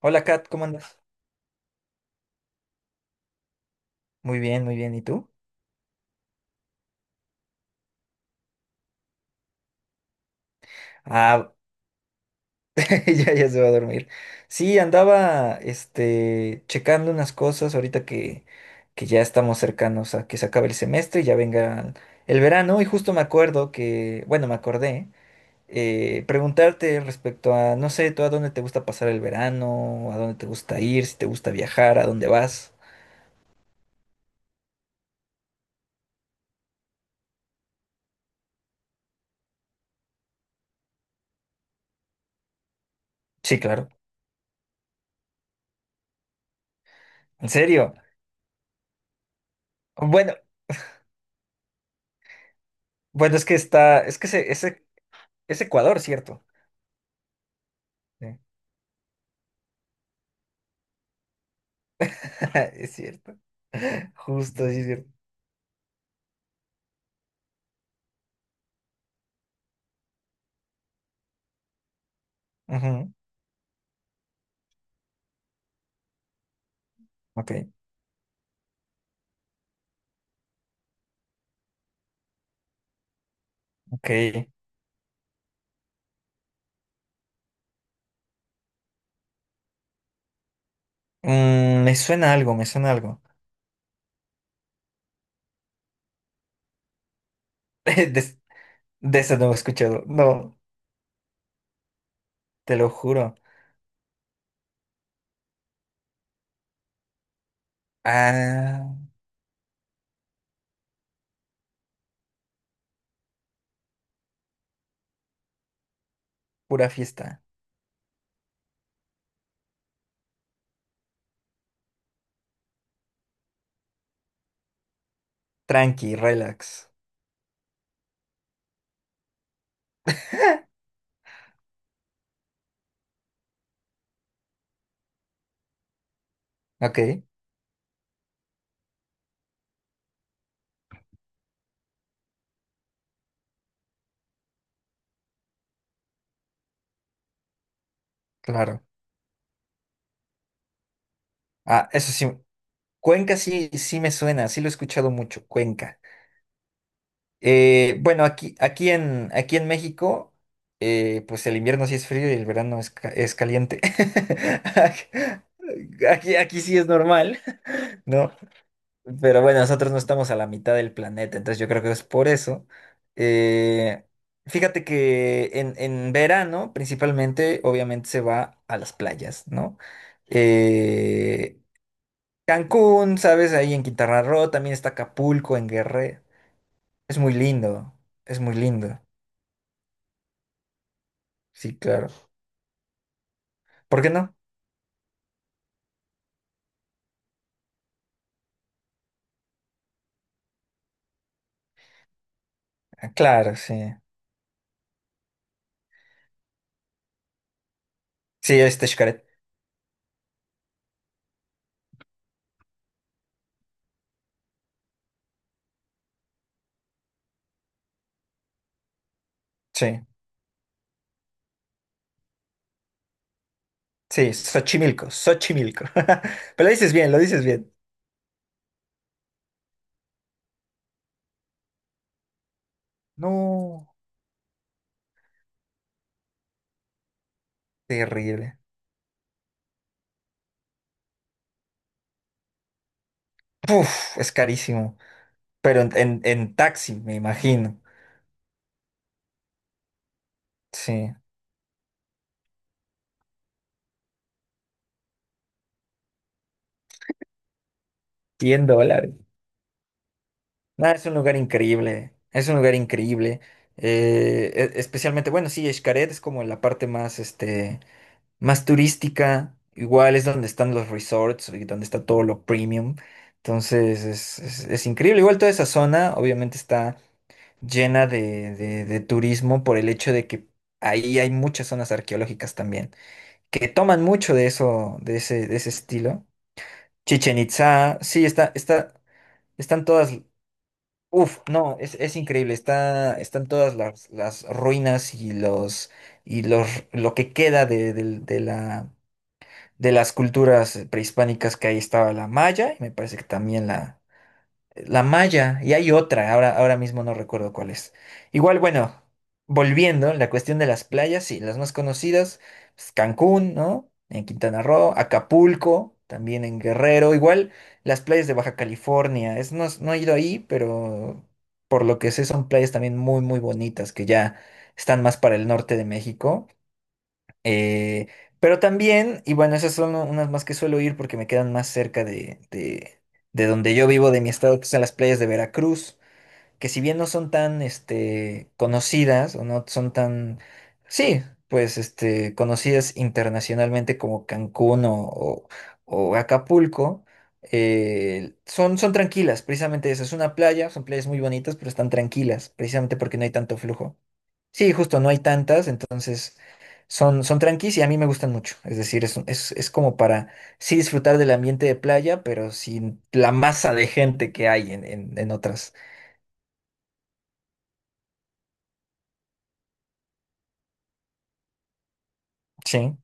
Hola Kat, ¿cómo andas? Muy bien, muy bien. ¿Y tú? Ah, ya, ya se va a dormir. Sí, andaba checando unas cosas ahorita que ya estamos cercanos a que se acabe el semestre y ya venga el verano. Y justo me acuerdo que, bueno, me acordé preguntarte respecto a, no sé, tú a dónde te gusta pasar el verano, a dónde te gusta ir, si te gusta viajar, a dónde vas. Sí, claro. ¿En serio? Bueno, bueno, es que está, es que ese, es Ecuador, ¿cierto? Sí. Es cierto. Justo, sí es cierto. Ujú. Ok, ok. Mm, me suena algo, me suena algo. De, de eso no he escuchado. No, te lo juro. Ah, pura fiesta. Tranqui, relax. Ok, claro. Ah, eso sí. Cuenca sí, sí me suena, sí lo he escuchado mucho, Cuenca. Bueno, aquí en México, pues el invierno sí es frío y el verano es, es caliente. Aquí sí es normal. No, pero bueno, nosotros no estamos a la mitad del planeta, entonces yo creo que es por eso. Eh, Fíjate que en verano, principalmente, obviamente se va a las playas, ¿no? Eh, Cancún, ¿sabes? Ahí en Quintana Roo, también está Acapulco, en Guerrero. Es muy lindo, es muy lindo. Sí, claro. ¿Por qué no? Ah, claro, sí. Sí, este Xcaret. Sí, sí, Xochimilco, Xochimilco. Pero lo dices bien, lo dices bien. No, terrible. Uf, es carísimo. Pero en taxi, me imagino. Sí, 100 dólares. Nada, es un lugar increíble. Es un lugar increíble. Especialmente, bueno, sí, Xcaret es como la parte más, este, más turística. Igual es donde están los resorts y donde está todo lo premium. Entonces, es increíble. Igual toda esa zona, obviamente, está llena de, de turismo por el hecho de que ahí hay muchas zonas arqueológicas también, que toman mucho de eso, de ese estilo. Chichen Itza, sí, está, están todas, uf, no, es increíble, está, están todas las ruinas y los, lo que queda de, de las culturas prehispánicas que ahí estaba la maya, y me parece que también la, la Maya, y hay otra, ahora mismo no recuerdo cuál es. Igual, bueno, volviendo, la cuestión de las playas, sí, las más conocidas, pues, Cancún, ¿no? En Quintana Roo, Acapulco, también en Guerrero, igual las playas de Baja California, es, no, no he ido ahí, pero por lo que sé son playas también muy, muy bonitas, que ya están más para el norte de México. Eh, pero también, y bueno, esas son unas más que suelo ir porque me quedan más cerca de donde yo vivo, de mi estado, que son las playas de Veracruz, que si bien no son tan este, conocidas o no son tan, sí, pues este, conocidas internacionalmente como Cancún o Acapulco, son, son tranquilas, precisamente eso, es una playa, son playas muy bonitas, pero están tranquilas, precisamente porque no hay tanto flujo. Sí, justo, no hay tantas, entonces son, son tranquis y a mí me gustan mucho. Es decir, es como para sí disfrutar del ambiente de playa, pero sin la masa de gente que hay en otras. Sí,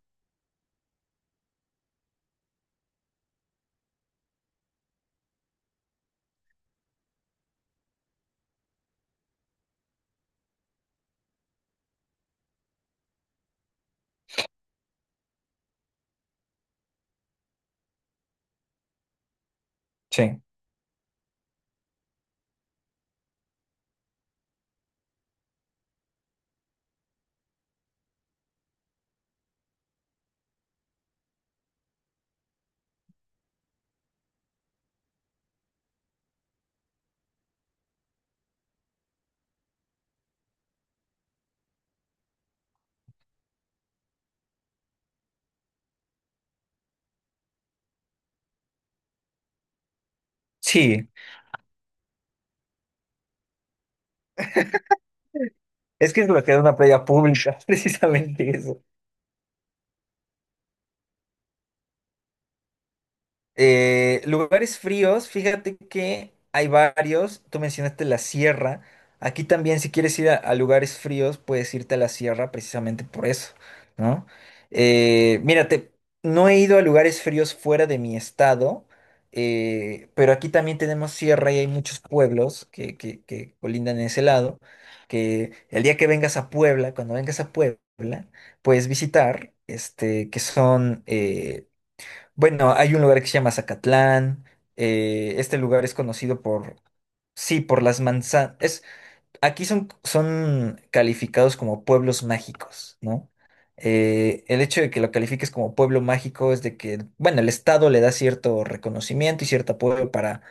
sí, sí. Es que es lo que es una playa pública, precisamente eso. Lugares fríos, fíjate que hay varios. Tú mencionaste la sierra. Aquí también, si quieres ir a lugares fríos, puedes irte a la sierra precisamente por eso, ¿no? Mírate, no he ido a lugares fríos fuera de mi estado, pero aquí también tenemos sierra y hay muchos pueblos que colindan en ese lado. Que el día que vengas a Puebla, cuando vengas a Puebla, puedes visitar, este, que son, bueno, hay un lugar que se llama Zacatlán. Eh, este lugar es conocido por, sí, por las manzanas. Es, aquí son, son calificados como pueblos mágicos, ¿no? El hecho de que lo califiques como pueblo mágico es de que, bueno, el estado le da cierto reconocimiento y cierto apoyo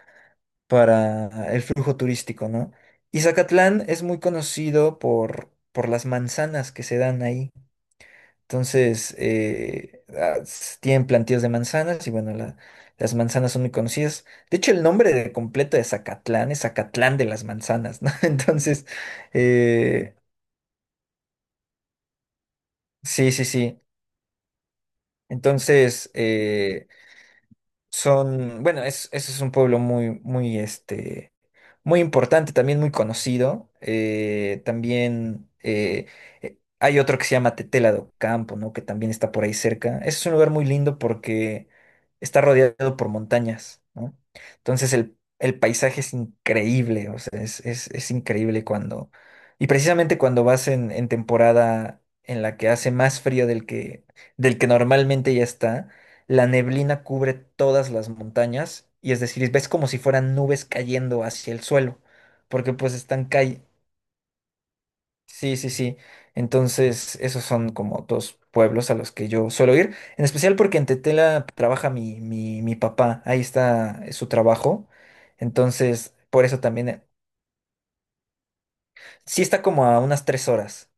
para el flujo turístico, ¿no? Y Zacatlán es muy conocido por las manzanas que se dan ahí. Entonces, tienen plantíos de manzanas y bueno, las manzanas son muy conocidas. De hecho, el nombre de completo de Zacatlán es Zacatlán de las manzanas, ¿no? Entonces, eh, sí, sí, sí. Entonces, son, bueno, ese es un pueblo muy, muy, este, muy importante, también muy conocido. También Hay otro que se llama Tetela do Campo, ¿no? Que también está por ahí cerca. Ese es un lugar muy lindo porque está rodeado por montañas, ¿no? Entonces el paisaje es increíble, o sea, es increíble cuando... Y precisamente cuando vas en temporada en la que hace más frío del que normalmente ya está, la neblina cubre todas las montañas y es decir, ves como si fueran nubes cayendo hacia el suelo, porque pues están cay. Sí, sí, sí. Entonces, esos son como dos pueblos a los que yo suelo ir, en especial porque en Tetela trabaja mi papá, ahí está su trabajo. Entonces, por eso también, sí está como a unas 3 horas.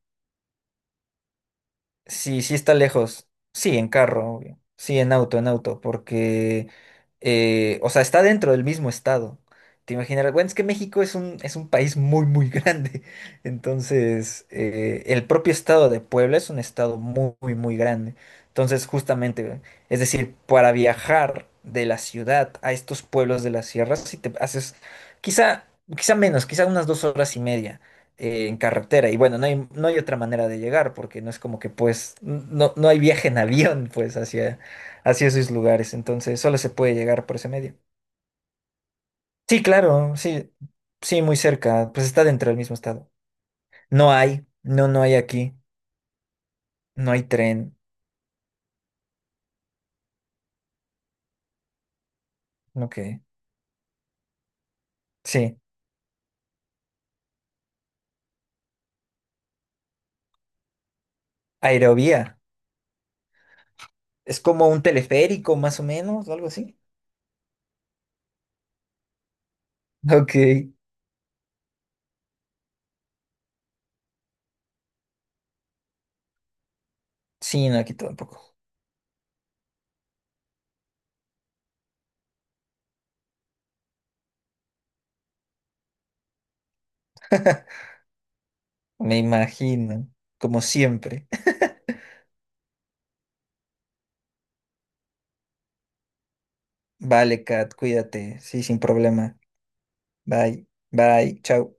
Sí, sí está lejos. Sí, en carro, obvio. Sí, en auto, porque, o sea, está dentro del mismo estado. Te imaginarás, bueno, es que México es un país muy, muy grande. Entonces, el propio estado de Puebla es un estado muy, muy, muy grande. Entonces, justamente, es decir, para viajar de la ciudad a estos pueblos de las sierras, si te haces quizá, quizá menos, quizá unas 2 horas y media en carretera. Y bueno, no hay, no hay otra manera de llegar, porque no es como que pues, no, no hay viaje en avión, pues, hacia, hacia esos lugares. Entonces, solo se puede llegar por ese medio. Sí, claro, sí, sí, muy cerca. Pues está dentro del mismo estado. No hay, no, no hay aquí. No hay tren. Ok. Sí. Aerovía. Es como un teleférico, más o menos, o algo así. Ok. Sí, no, aquí tampoco. Me imagino, como siempre. Vale, Kat, cuídate. Sí, sin problema. Bye, bye, chao.